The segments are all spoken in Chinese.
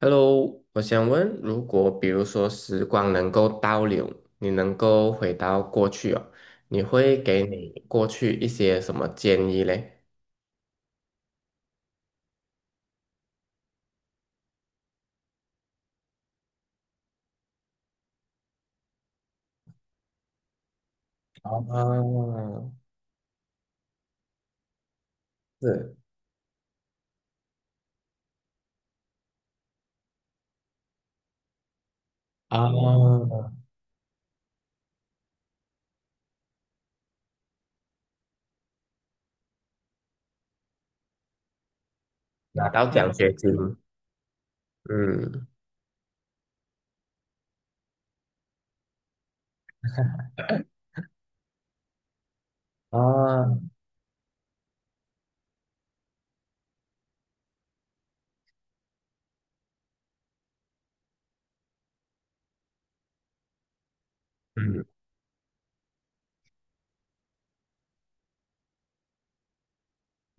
Hello，我想问，如果比如说时光能够倒流，你能够回到过去哦，你会给你过去一些什么建议嘞？啊，是啊拿到奖学金，嗯啊嗯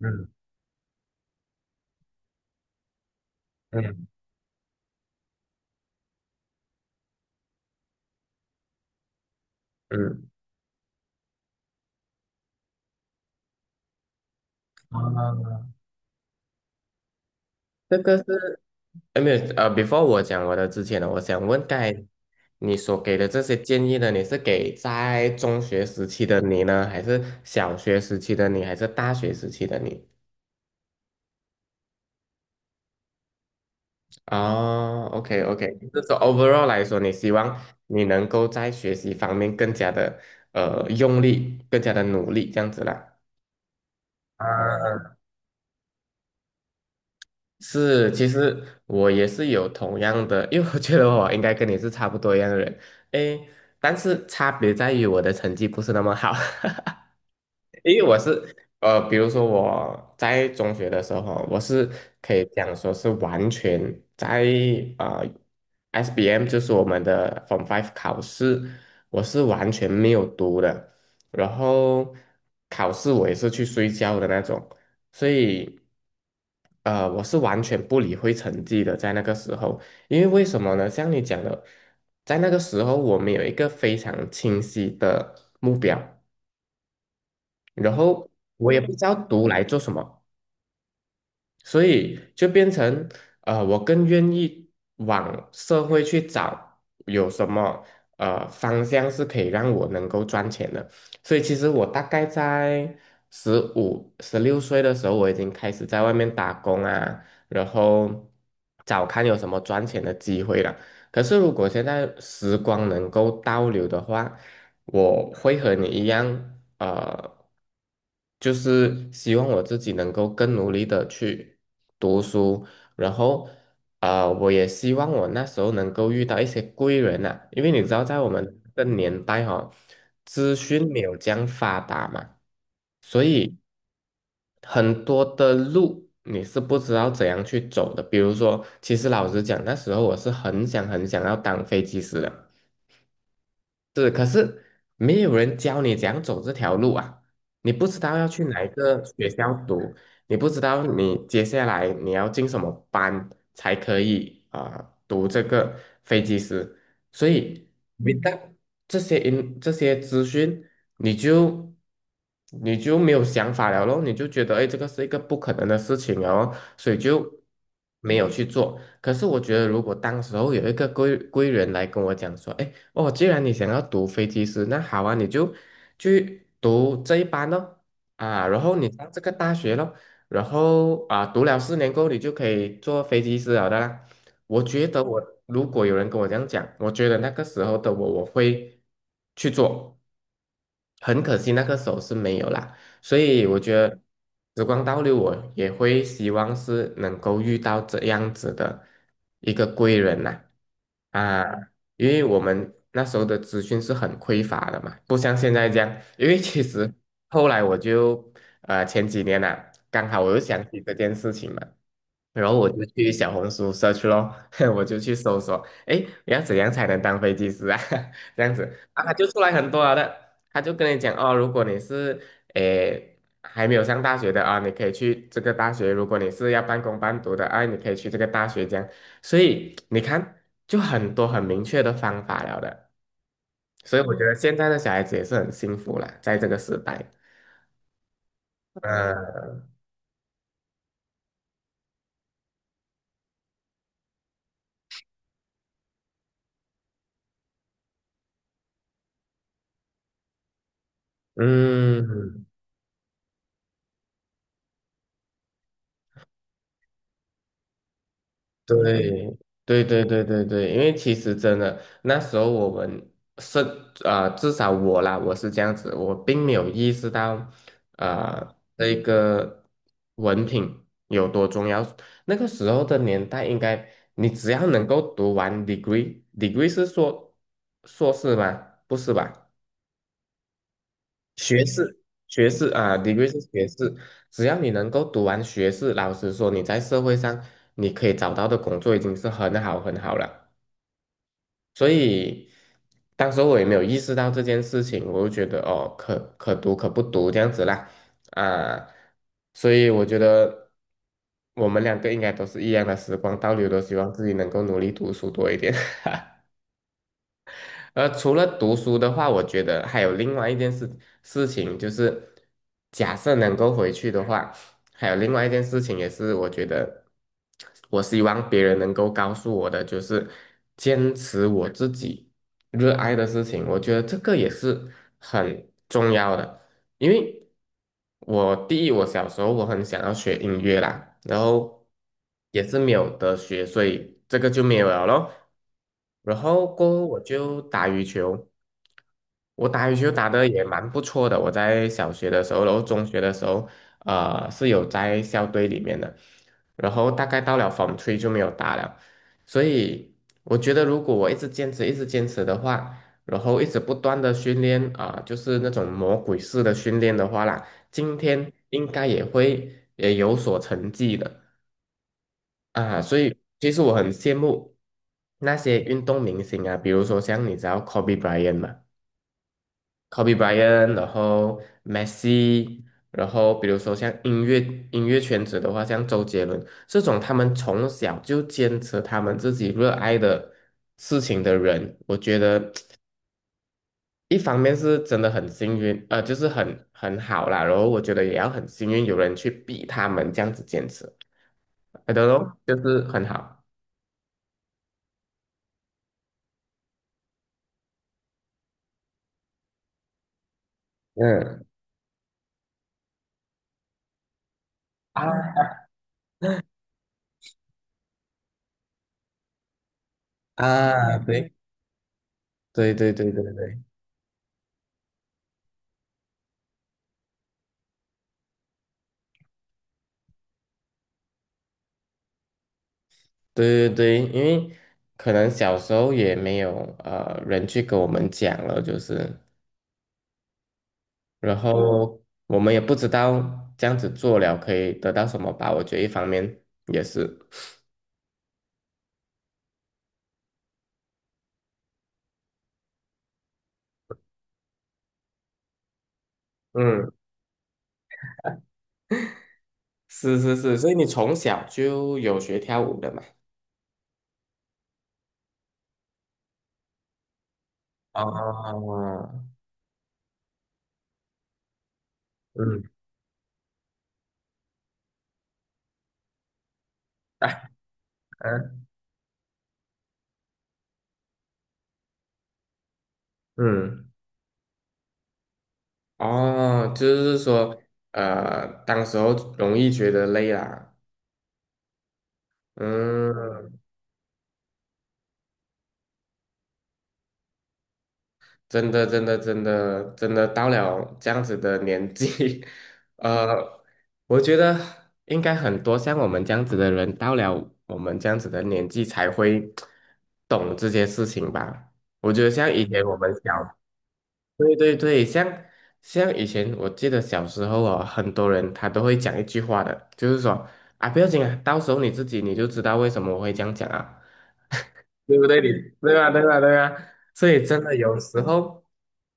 嗯嗯嗯，啊！这个是哎，没有，before 我讲我的之前呢，我想问，刚才你所给的这些建议呢，你是给在中学时期的你呢，还是小学时期的你，还是大学时期的你？哦，OK，OK，就是说 overall 来说，你希望你能够在学习方面更加的用力，更加的努力，这样子啦。啊是，其实我也是有同样的，因为我觉得我应该跟你是差不多一样的人，诶，但是差别在于我的成绩不是那么好，因为我是比如说我在中学的时候，我是可以讲说是完全在呃 SBM，就是我们的 Form Five 考试，我是完全没有读的，然后考试我也是去睡觉的那种，所以我是完全不理会成绩的，在那个时候。因为为什么呢？像你讲的，在那个时候我们有一个非常清晰的目标。然后我也不知道读来做什么，所以就变成我更愿意往社会去找有什么方向是可以让我能够赚钱的。所以其实我大概在15、16岁的时候，我已经开始在外面打工啊，然后找看有什么赚钱的机会了。可是如果现在时光能够倒流的话，我会和你一样。呃，就是希望我自己能够更努力的去读书，然后我也希望我那时候能够遇到一些贵人呐、因为你知道，在我们的年代哈、资讯没有这样发达嘛，所以很多的路你是不知道怎样去走的。比如说，其实老实讲，那时候我是很想很想要当飞机师的。是，可是没有人教你怎样走这条路啊！你不知道要去哪一个学校读，你不知道你接下来你要进什么班才可以啊、读这个飞机师，所以没到这些资讯，你就没有想法了咯，你就觉得哎，诶这个是一个不可能的事情了哦，所以就没有去做。可是我觉得，如果当时候有一个人来跟我讲说，哎。哦，既然你想要读飞机师，那好啊，你就去读这一班咯，啊，然后你上这个大学咯，然后啊，读了4年过后，你就可以做飞机师了的啦。我觉得我如果有人跟我这样讲，我觉得那个时候的我，我会去做。很可惜那个时候是没有啦，所以我觉得时光倒流，我也会希望是能够遇到这样子的一个贵人呐，啊，因为我们那时候的资讯是很匮乏的嘛，不像现在这样，因为其实后来我就前几年呐、刚好我又想起这件事情嘛，然后我就去小红书 search 咯，我就去搜索，诶，要怎样才能当飞机师啊？这样子，啊，他就出来很多了的，他就跟你讲哦，如果你是诶还没有上大学的啊，你可以去这个大学；如果你是要半工半读的啊，你可以去这个大学这样。所以你看，就很多很明确的方法了的。所以我觉得现在的小孩子也是很幸福啦，在这个时代。嗯嗯。对对对对对对，因为其实真的那时候我们是啊、至少我啦，我是这样子，我并没有意识到啊、这个文凭有多重要。那个时候的年代，应该你只要能够读完 degree，degree 是说硕士吗？不是吧？学士，学士啊，degree 是学士，只要你能够读完学士，老实说，你在社会上你可以找到的工作已经是很好很好了。所以，当时候我也没有意识到这件事情，我就觉得哦，读可不读这样子啦，啊，所以我觉得我们两个应该都是一样的时光倒流，都希望自己能够努力读书多一点。而除了读书的话，我觉得还有另外一件事情，就是假设能够回去的话，还有另外一件事情也是我觉得我希望别人能够告诉我的，就是坚持我自己热爱的事情。我觉得这个也是很重要的，因为我第一，我小时候我很想要学音乐啦，然后也是没有得学，所以这个就没有了咯。然后过后我就打羽球，我打羽球打得也蛮不错的。我在小学的时候，然后中学的时候，是有在校队里面的。然后大概到了 f o 就没有打了。所以我觉得，如果我一直坚持，一直坚持的话，然后一直不断的训练啊、就是那种魔鬼式的训练的话啦，今天应该也会也有所成绩的。啊，所以其实我很羡慕那些运动明星啊，比如说像你知道 Kobe Bryant 嘛，Kobe Bryant，然后 Messi，然后比如说像音乐圈子的话，像周杰伦这种，他们从小就坚持他们自己热爱的事情的人，我觉得一方面是真的很幸运，就是很好啦，然后我觉得也要很幸运有人去逼他们这样子坚持，I don't know，就是很好，嗯。啊，对对对对对对对对对，因为可能小时候也没有人去跟我们讲了，就是，然后我们也不知道这样子做了可以得到什么吧。我觉得一方面也是，嗯，是是是，所以你从小就有学跳舞的嘛？哦，嗯嗯嗯，哦，就是说，当时候容易觉得累啦，嗯真的，真的，真的，真的到了这样子的年纪，呃，我觉得应该很多像我们这样子的人，到了我们这样子的年纪才会懂这些事情吧。我觉得像以前我们小，对对对，像以前，我记得小时候哦，很多人他都会讲一句话的，就是说啊，不要紧啊，到时候你自己你就知道为什么我会这样讲啊。对不对？你对啊，对啊，对啊。所以真的有时候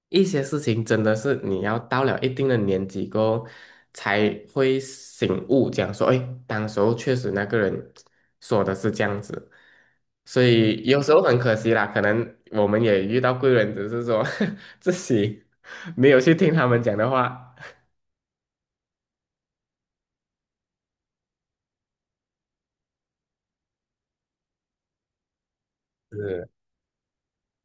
一些事情真的是你要到了一定的年纪过后才会醒悟，讲说，哎，当时候确实那个人说的是这样子，所以有时候很可惜啦，可能我们也遇到贵人，只是说 自己没有去听他们讲的话。是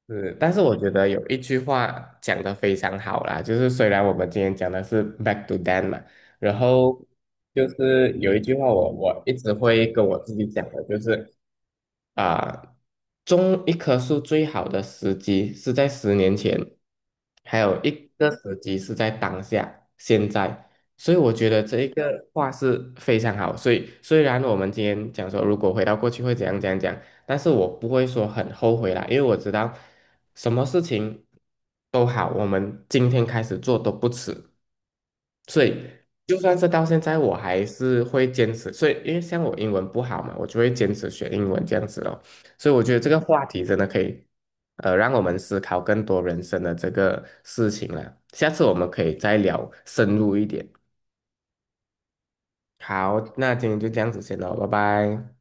是，但是我觉得有一句话讲得非常好啦，就是虽然我们今天讲的是 back to them 嘛，然后就是有一句话我一直会跟我自己讲的，就是啊、种一棵树最好的时机是在10年前，还有一个时机是在当下，现在。所以我觉得这一个话是非常好。所以虽然我们今天讲说，如果回到过去会怎样怎样讲，但是我不会说很后悔啦，因为我知道什么事情都好，我们今天开始做都不迟。所以就算是到现在，我还是会坚持。所以因为像我英文不好嘛，我就会坚持学英文这样子咯。所以我觉得这个话题真的可以，让我们思考更多人生的这个事情了。下次我们可以再聊深入一点。好，那今天就这样子先了，拜拜。